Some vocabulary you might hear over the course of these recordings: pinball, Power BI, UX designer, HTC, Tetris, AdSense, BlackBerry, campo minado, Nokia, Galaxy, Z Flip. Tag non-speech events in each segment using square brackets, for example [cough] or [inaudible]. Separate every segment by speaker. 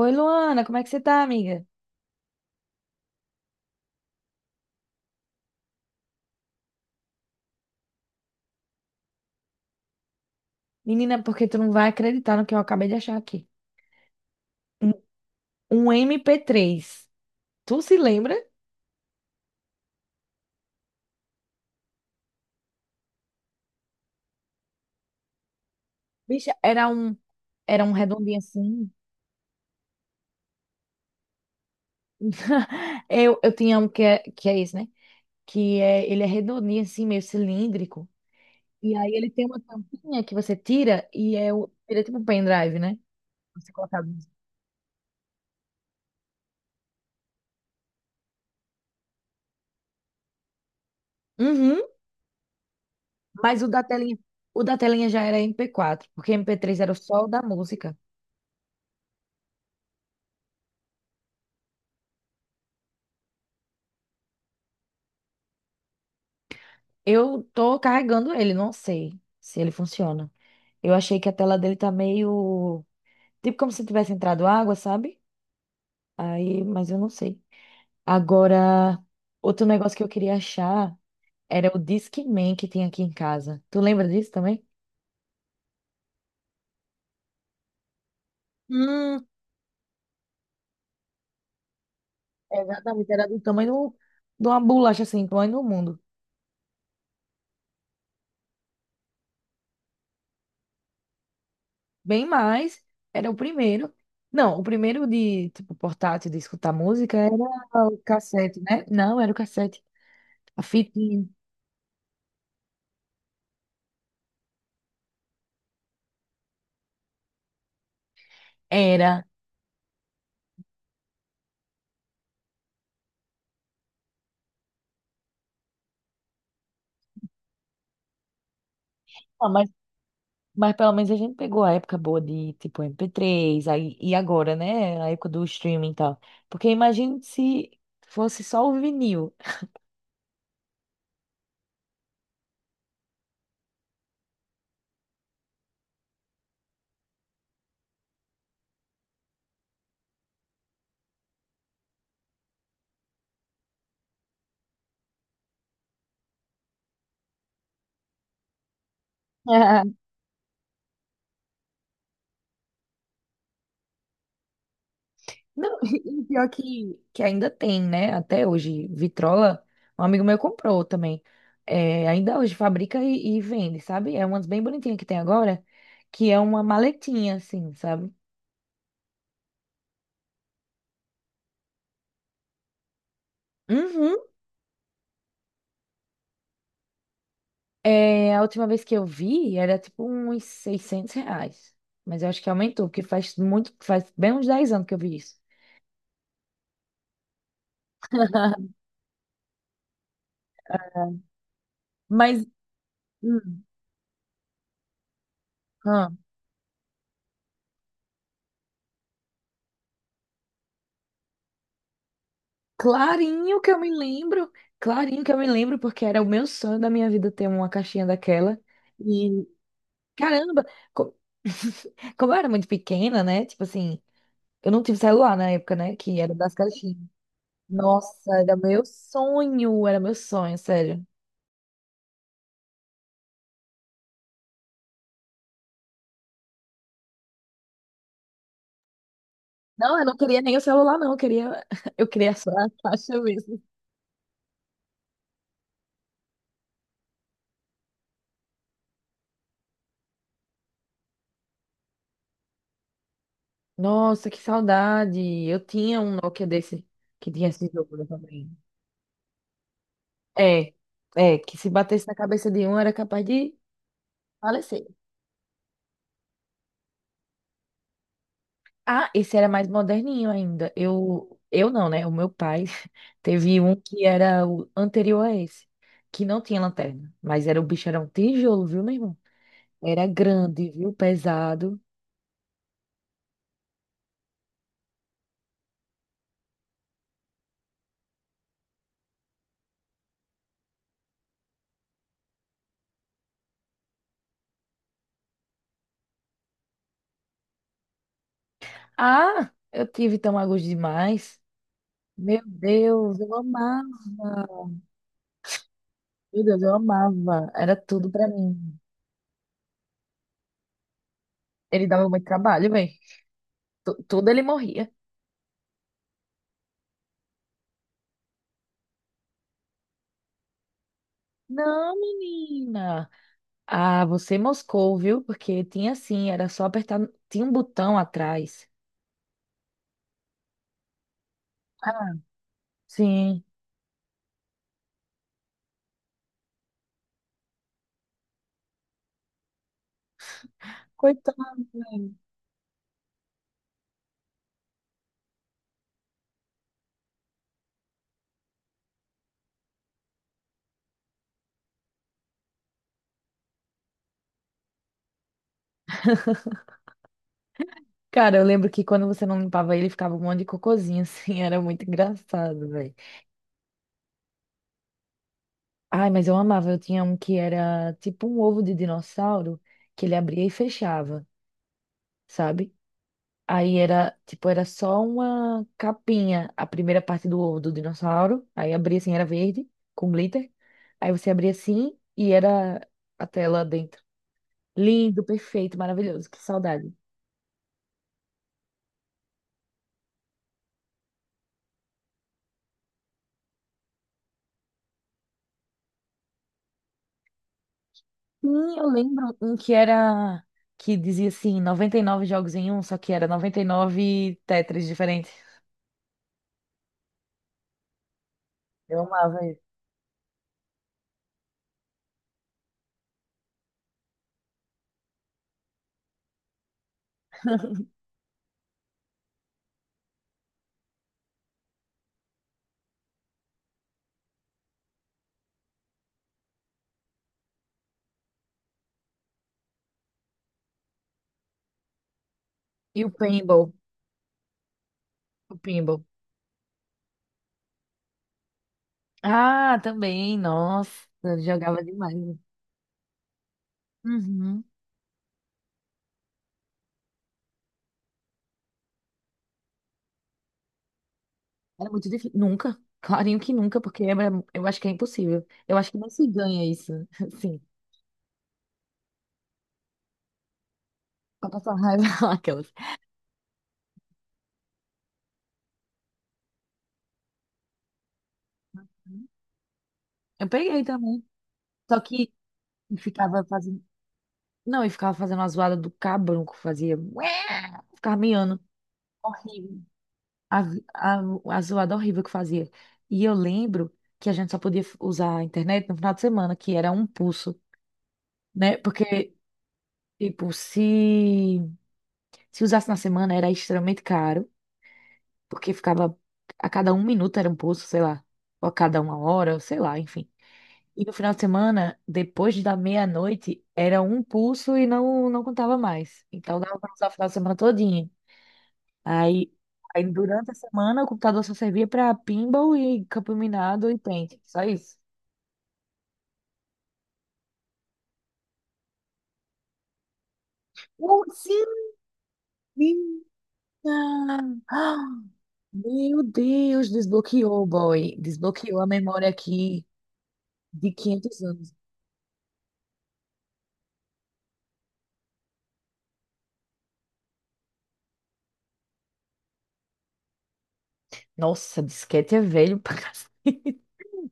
Speaker 1: Oi, Luana, como é que você tá, amiga? Menina, porque tu não vai acreditar no que eu acabei de achar aqui. Um, um MP3. Tu se lembra? Bicha, era um redondinho assim. [laughs] Eu tinha um que é esse, né? Ele é redondinho assim, meio cilíndrico. E aí ele tem uma tampinha que você tira e ele é tipo um pendrive, né? Você coloca a música. Uhum. mas o da telinha, o da telinha já era MP4, porque MP3 era o sol da música. Eu tô carregando ele, não sei se ele funciona. Eu achei que a tela dele tá meio. Tipo como se tivesse entrado água, sabe? Aí, mas eu não sei. Agora, outro negócio que eu queria achar era o Discman que tem aqui em casa. Tu lembra disso também? Hum. Exatamente, era do tamanho de uma bolacha assim, do tamanho do mundo. Bem mais, era o primeiro. Não, o primeiro de, tipo, portátil de escutar música era o cassete, né? Não, era o cassete. A fitinha. Era. Ah, mas, mas pelo menos a gente pegou a época boa de, tipo, MP3, aí, e agora, né? A época do streaming e tal. Porque imagina se fosse só o vinil. Ah. Não, [laughs] e pior que ainda tem, né? Até hoje, vitrola, um amigo meu comprou também. É, ainda hoje fabrica e vende, sabe? É umas bem bonitinhas que tem agora, que é uma maletinha, assim, sabe? Uhum. É, a última vez que eu vi era tipo uns R$ 600. Mas eu acho que aumentou, porque faz muito, faz bem uns 10 anos que eu vi isso. [laughs] Mas, hum, ah, clarinho que eu me lembro, clarinho que eu me lembro, porque era o meu sonho da minha vida ter uma caixinha daquela. E, caramba, co- [laughs] como eu era muito pequena, né? Tipo assim, eu não tive celular na época, né? Que era das caixinhas. Nossa, era meu sonho, sério. Não, eu não queria nem o celular, não. Eu queria, [laughs] eu queria só a caixa mesmo. Nossa, que saudade! Eu tinha um Nokia desse que tinha esse jogo também. É, que se batesse na cabeça de um era capaz de falecer. Ah, esse era mais moderninho ainda. Eu não, né? O meu pai [laughs] teve um que era o anterior a esse, que não tinha lanterna, mas era o bicho era um tijolo, viu, meu irmão? Era grande, viu? Pesado. Ah, eu tive tão agos demais. Meu Deus, eu amava. Meu Deus, eu amava. Era tudo pra mim. Ele dava muito trabalho, velho. Tudo ele morria. Não, menina. Ah, você moscou, viu? Porque tinha assim, era só apertar. Tinha um botão atrás. Ah, sim. Coitado, né? Cara, eu lembro que quando você não limpava ele, ficava um monte de cocôzinho, assim. [laughs] Era muito engraçado, velho. Ai, mas eu amava. Eu tinha um que era tipo um ovo de dinossauro que ele abria e fechava, sabe? Aí era, tipo, era só uma capinha, a primeira parte do dinossauro. Aí abria assim, era verde, com glitter. Aí você abria assim e era a tela dentro. Lindo, perfeito, maravilhoso, que saudade. Sim, eu lembro um que dizia assim, 99 jogos em um, só que era 99 Tetris diferentes. Eu amava isso. E o pinball, o pinball. Ah, também, nossa, jogava demais, né? Uhum. Era muito difícil. Nunca. [laughs] Clarinho que nunca, porque eu acho que é impossível. Eu acho que não se ganha isso. [laughs] Sim. Pra passar raiva [laughs] aquelas. Eu peguei também. Só que ficava fazendo. Não, e ficava fazendo a zoada do cabrunco, fazia. [laughs] ué, ficava miando. Horrível. A, a, a zoada horrível que fazia. E eu lembro que a gente só podia usar a internet no final de semana, que era um pulso, né? Porque, tipo, se usasse na semana era extremamente caro, porque ficava a cada um minuto era um pulso, sei lá, ou a cada uma hora, sei lá, enfim. E no final de semana, depois da meia-noite, era um pulso e não contava mais. Então dava pra usar o final de semana todinho. Aí, aí durante a semana o computador só servia pra pinball e campo minado e pente, só isso. Oh, sim, menina! Ah, meu Deus, desbloqueou, boy. Desbloqueou a memória aqui de 500 anos. Nossa, disquete é velho pra [laughs] cacete.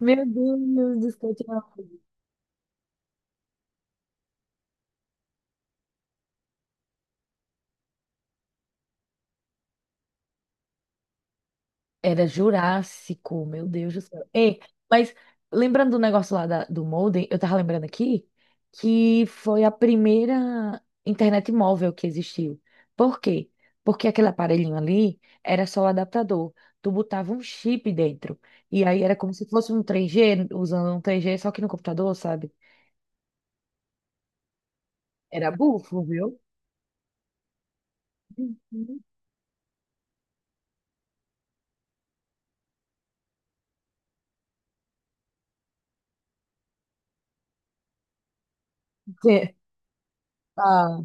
Speaker 1: Meu Deus do céu, tinha- era Jurássico, meu Deus do céu. Ei, mas lembrando do negócio lá do modem, eu tava lembrando aqui que foi a primeira internet móvel que existiu. Por quê? Porque aquele aparelhinho ali era só o adaptador. Tu botava um chip dentro. E aí era como se fosse um 3G, usando um 3G só que no computador, sabe? Era bufo, viu? Uhum. Ah,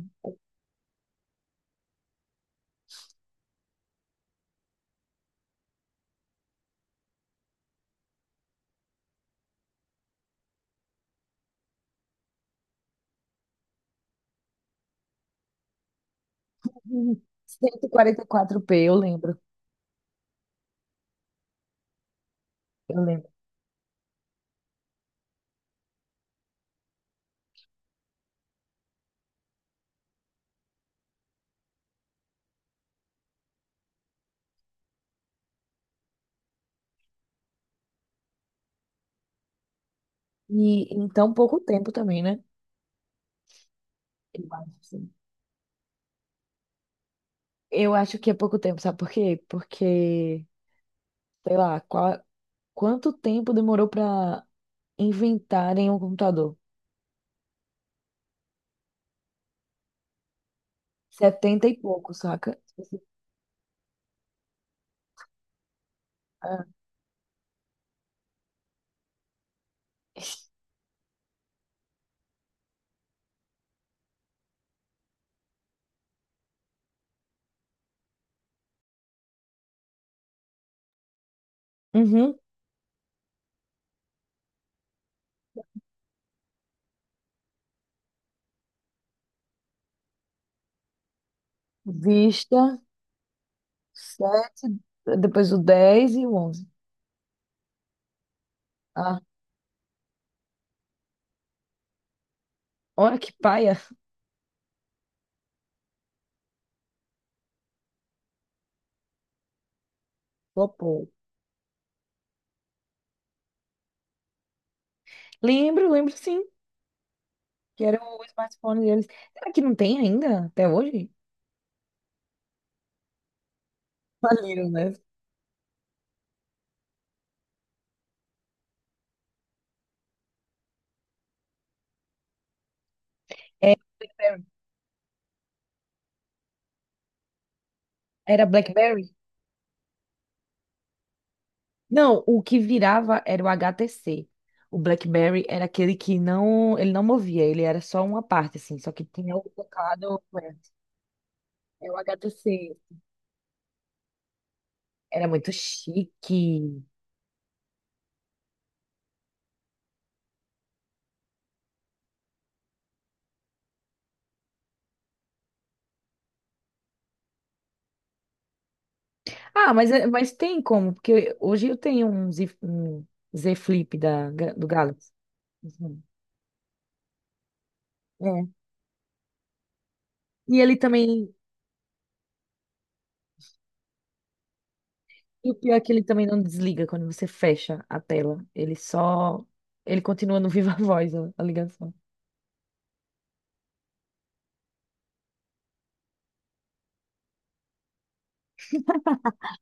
Speaker 1: 144p, eu lembro. E em tão pouco tempo também, né? Eu acho, assim. Eu acho que é pouco tempo, sabe por quê? Porque, sei lá, qual, quanto tempo demorou pra inventarem um computador? Setenta e pouco, saca? Ah. Uhum. Vista, sete, depois o 10 e o 11. Ah, olha que paia. Flopou. Lembro, lembro sim, que era o smartphone deles. Será que não tem ainda, até hoje? Faliram, né? É, era BlackBerry? Não, o que virava era o HTC. O BlackBerry era aquele que não, ele não movia, ele era só uma parte, assim, só que tinha o teclado. É, é o HTC. Era muito chique. Mas tem como, porque hoje eu tenho um Z Flip da, Ga- do Galaxy. Uhum. É. E ele também, e o pior é que ele também não desliga quando você fecha a tela. Ele só, ele continua no [laughs] viva voz a ligação.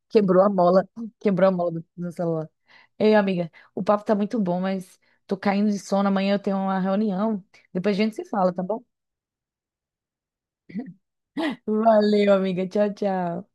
Speaker 1: Quebrou a mola, quebrou a mola do celular. Ei, amiga, o papo tá muito bom, mas tô caindo de sono. Amanhã eu tenho uma reunião. Depois a gente se fala, tá bom? [laughs] Valeu, amiga. Tchau, tchau.